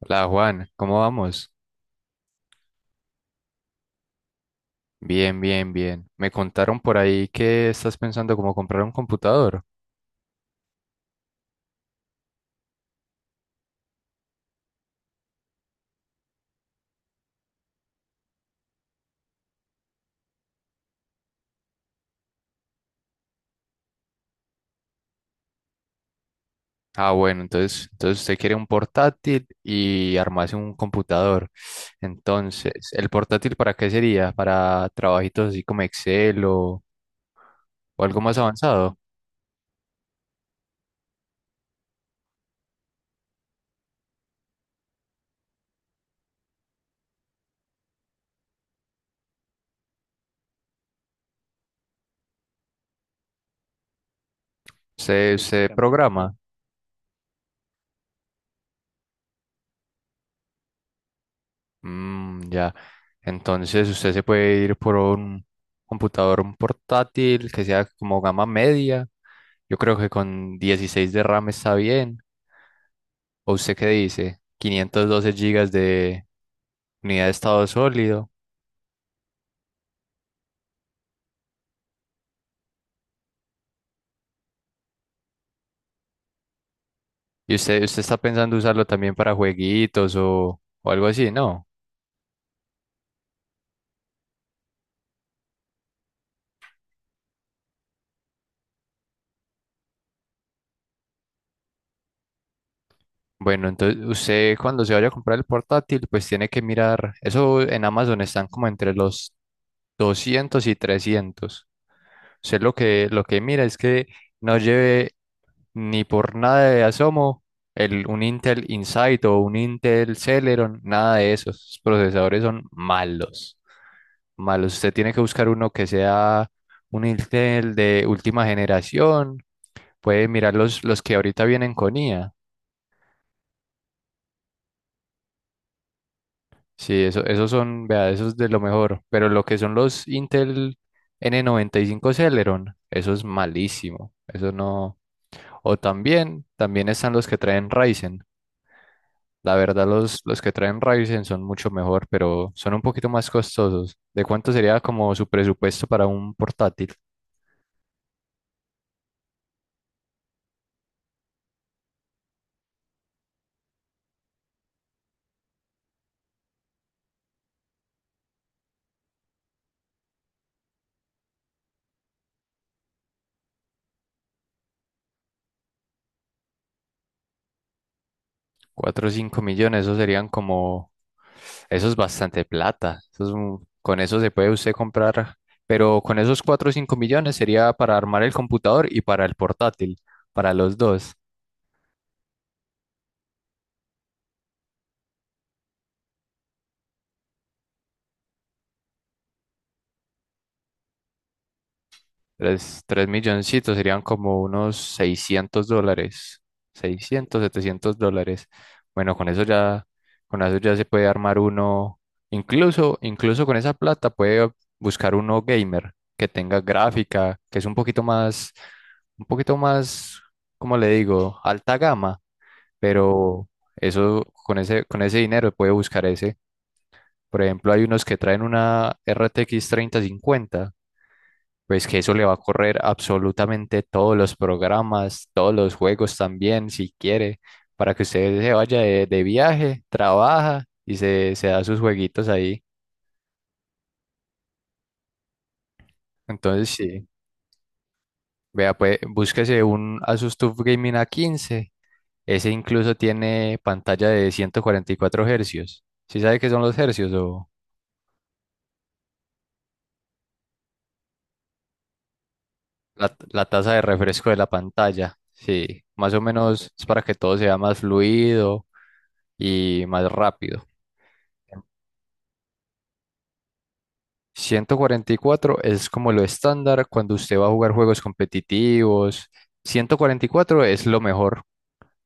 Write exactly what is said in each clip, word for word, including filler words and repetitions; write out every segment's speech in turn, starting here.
Hola Juan, ¿cómo vamos? Bien, bien, bien. Me contaron por ahí que estás pensando como comprar un computador. Ah, bueno, entonces, entonces usted quiere un portátil y armarse un computador. Entonces, ¿el portátil para qué sería? ¿Para trabajitos así como Excel o, o algo más avanzado? ¿Se, se programa? Mm, ya. Entonces usted se puede ir por un computador, un portátil que sea como gama media. Yo creo que con dieciséis de RAM está bien. ¿O usted qué dice? Quinientos doce gigas de unidad de estado sólido. ¿Y usted, usted está pensando usarlo también para jueguitos o, o algo así? No. Bueno, entonces usted cuando se vaya a comprar el portátil, pues tiene que mirar. Eso en Amazon están como entre los doscientos y trescientos. Usted lo que, lo que mira es que no lleve ni por nada de asomo el, un Intel Insight o un Intel Celeron, nada de eso. Esos procesadores son malos, malos. Usted tiene que buscar uno que sea un Intel de última generación. Puede mirar los, los que ahorita vienen con I A. Sí, eso, esos son, vea, esos de lo mejor. Pero lo que son los Intel N noventa y cinco Celeron, eso es malísimo. Eso no. O también, también están los que traen Ryzen. La verdad, los, los que traen Ryzen son mucho mejor, pero son un poquito más costosos. ¿De cuánto sería como su presupuesto para un portátil? Cuatro o cinco millones, esos serían como... Eso es bastante plata. Eso es un- con eso se puede usted comprar, pero con esos cuatro o cinco millones sería para armar el computador y para el portátil, para los dos. Tres, tres milloncitos serían como unos seiscientos dólares. Seiscientos setecientos dólares. Bueno, con eso ya, con eso ya se puede armar uno. Incluso, incluso con esa plata puede buscar uno gamer que tenga gráfica, que es un poquito más, un poquito más, ¿cómo le digo? Alta gama. Pero eso, con ese, con ese dinero puede buscar ese. Por ejemplo, hay unos que traen una R T X tres mil cincuenta, pues que eso le va a correr absolutamente todos los programas, todos los juegos también, si quiere, para que usted se vaya de, de viaje, trabaja y se, se da sus jueguitos ahí. Entonces, sí, vea, pues búsquese un Asus TUF Gaming a quince. Ese incluso tiene pantalla de ciento cuarenta y cuatro hercios. ¿Sí sabe qué son los hercios o la, la tasa de refresco de la pantalla? Sí, más o menos es para que todo sea más fluido y más rápido. ciento cuarenta y cuatro es como lo estándar cuando usted va a jugar juegos competitivos. ciento cuarenta y cuatro es lo mejor.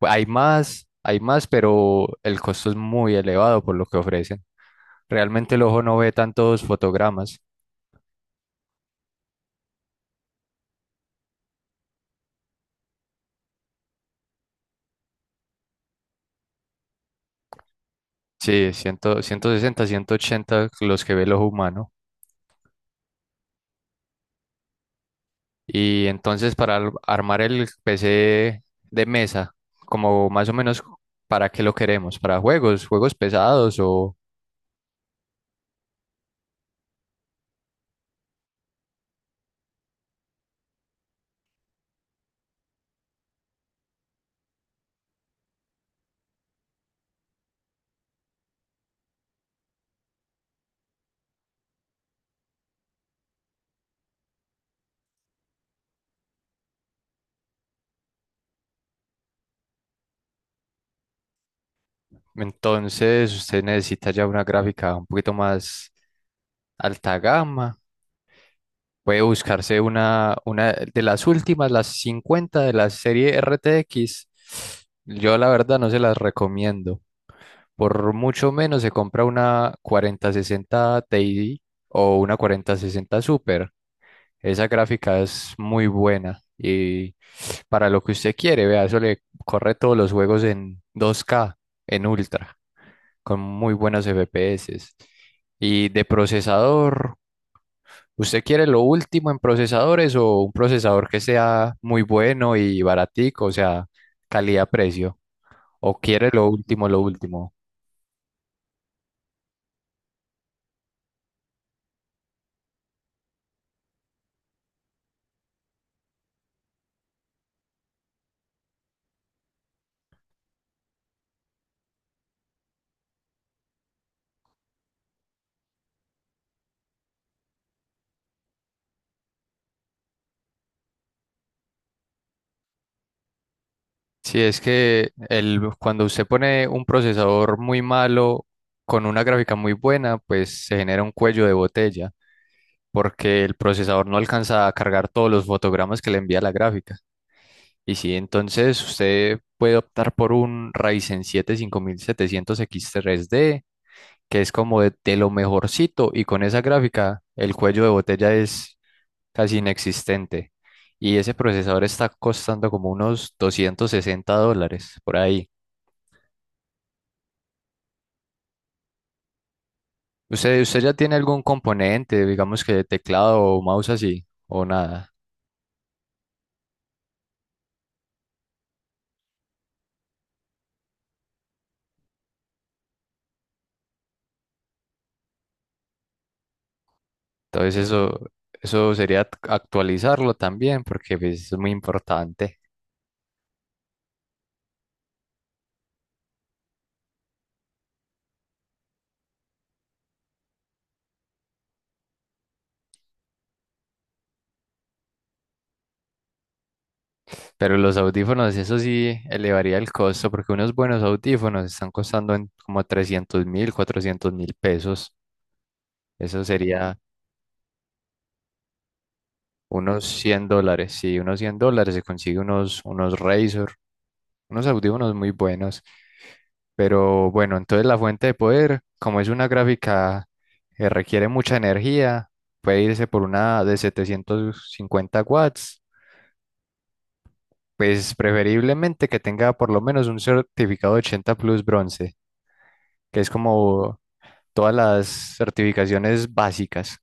Hay más, hay más, pero el costo es muy elevado por lo que ofrecen. Realmente el ojo no ve tantos fotogramas. Sí, cien ciento sesenta, ciento ochenta los que ve el ojo humano. Y entonces para al- armar el P C de mesa, como más o menos para qué lo queremos, ¿para juegos, juegos pesados o...? Entonces, usted necesita ya una gráfica un poquito más alta gama. Puede buscarse una, una de las últimas, las cincuenta de la serie R T X. Yo la verdad no se las recomiendo. Por mucho menos se compra una cuarenta sesenta Ti o una cuarenta sesenta Super. Esa gráfica es muy buena y para lo que usted quiere, vea, eso le corre todos los juegos en dos k en Ultra, con muy buenos F P S. Y de procesador, ¿usted quiere lo último en procesadores o un procesador que sea muy bueno y baratico, o sea, calidad-precio? ¿O quiere lo último, lo último? Sí, es que el, cuando usted pone un procesador muy malo con una gráfica muy buena, pues se genera un cuello de botella, porque el procesador no alcanza a cargar todos los fotogramas que le envía la gráfica. Y sí, entonces usted puede optar por un Ryzen siete cinco mil setecientos equis tres d que es como de, de lo mejorcito, y con esa gráfica el cuello de botella es casi inexistente. Y ese procesador está costando como unos doscientos sesenta dólares por ahí. ¿Usted, usted ya tiene algún componente, digamos que teclado o mouse así, o nada? Entonces eso, eso sería actualizarlo también, porque pues, es muy importante. Pero los audífonos, eso sí elevaría el costo, porque unos buenos audífonos están costando en como trescientos mil, cuatrocientos mil pesos. Eso sería unos cien dólares. Sí, unos cien dólares se consigue unos, unos Razer, unos audífonos muy buenos. Pero bueno, entonces la fuente de poder, como es una gráfica que requiere mucha energía, puede irse por una de setecientos cincuenta watts, pues preferiblemente que tenga por lo menos un certificado ochenta Plus bronce, que es como todas las certificaciones básicas.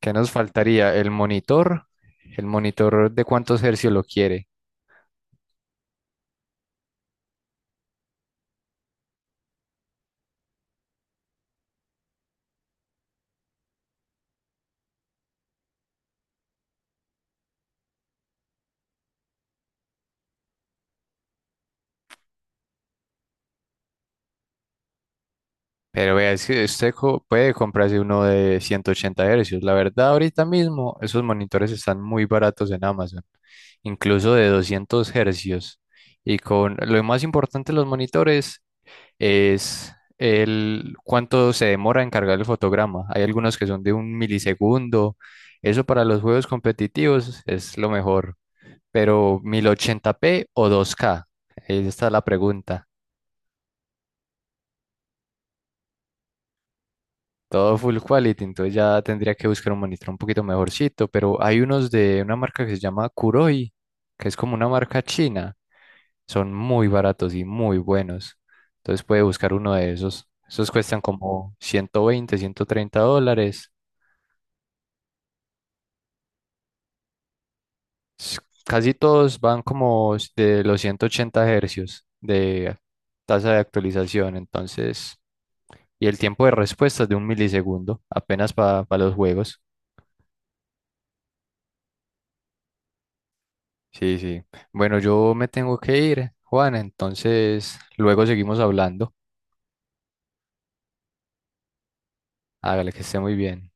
¿Qué nos faltaría? El monitor, el monitor de cuántos hercios lo quiere. Pero vea, es que usted co- puede comprarse uno de ciento ochenta hercios. La verdad, ahorita mismo esos monitores están muy baratos en Amazon, incluso de doscientos hercios. Y con lo más importante de los monitores es el cuánto se demora en cargar el fotograma. Hay algunos que son de un milisegundo. Eso para los juegos competitivos es lo mejor. Pero mil ochenta p o dos k, esta es la pregunta. Todo full quality, entonces ya tendría que buscar un monitor un poquito mejorcito, pero hay unos de una marca que se llama Kuroi, que es como una marca china. Son muy baratos y muy buenos. Entonces puede buscar uno de esos. Esos cuestan como ciento veinte ciento treinta dólares. s- Casi todos van como s- de los ciento ochenta hercios de tasa de actualización, entonces, y el tiempo de respuesta es de un milisegundo, apenas para los juegos. Sí, sí. Bueno, yo me tengo que ir, Juan, entonces luego seguimos hablando. Hágale que esté muy bien.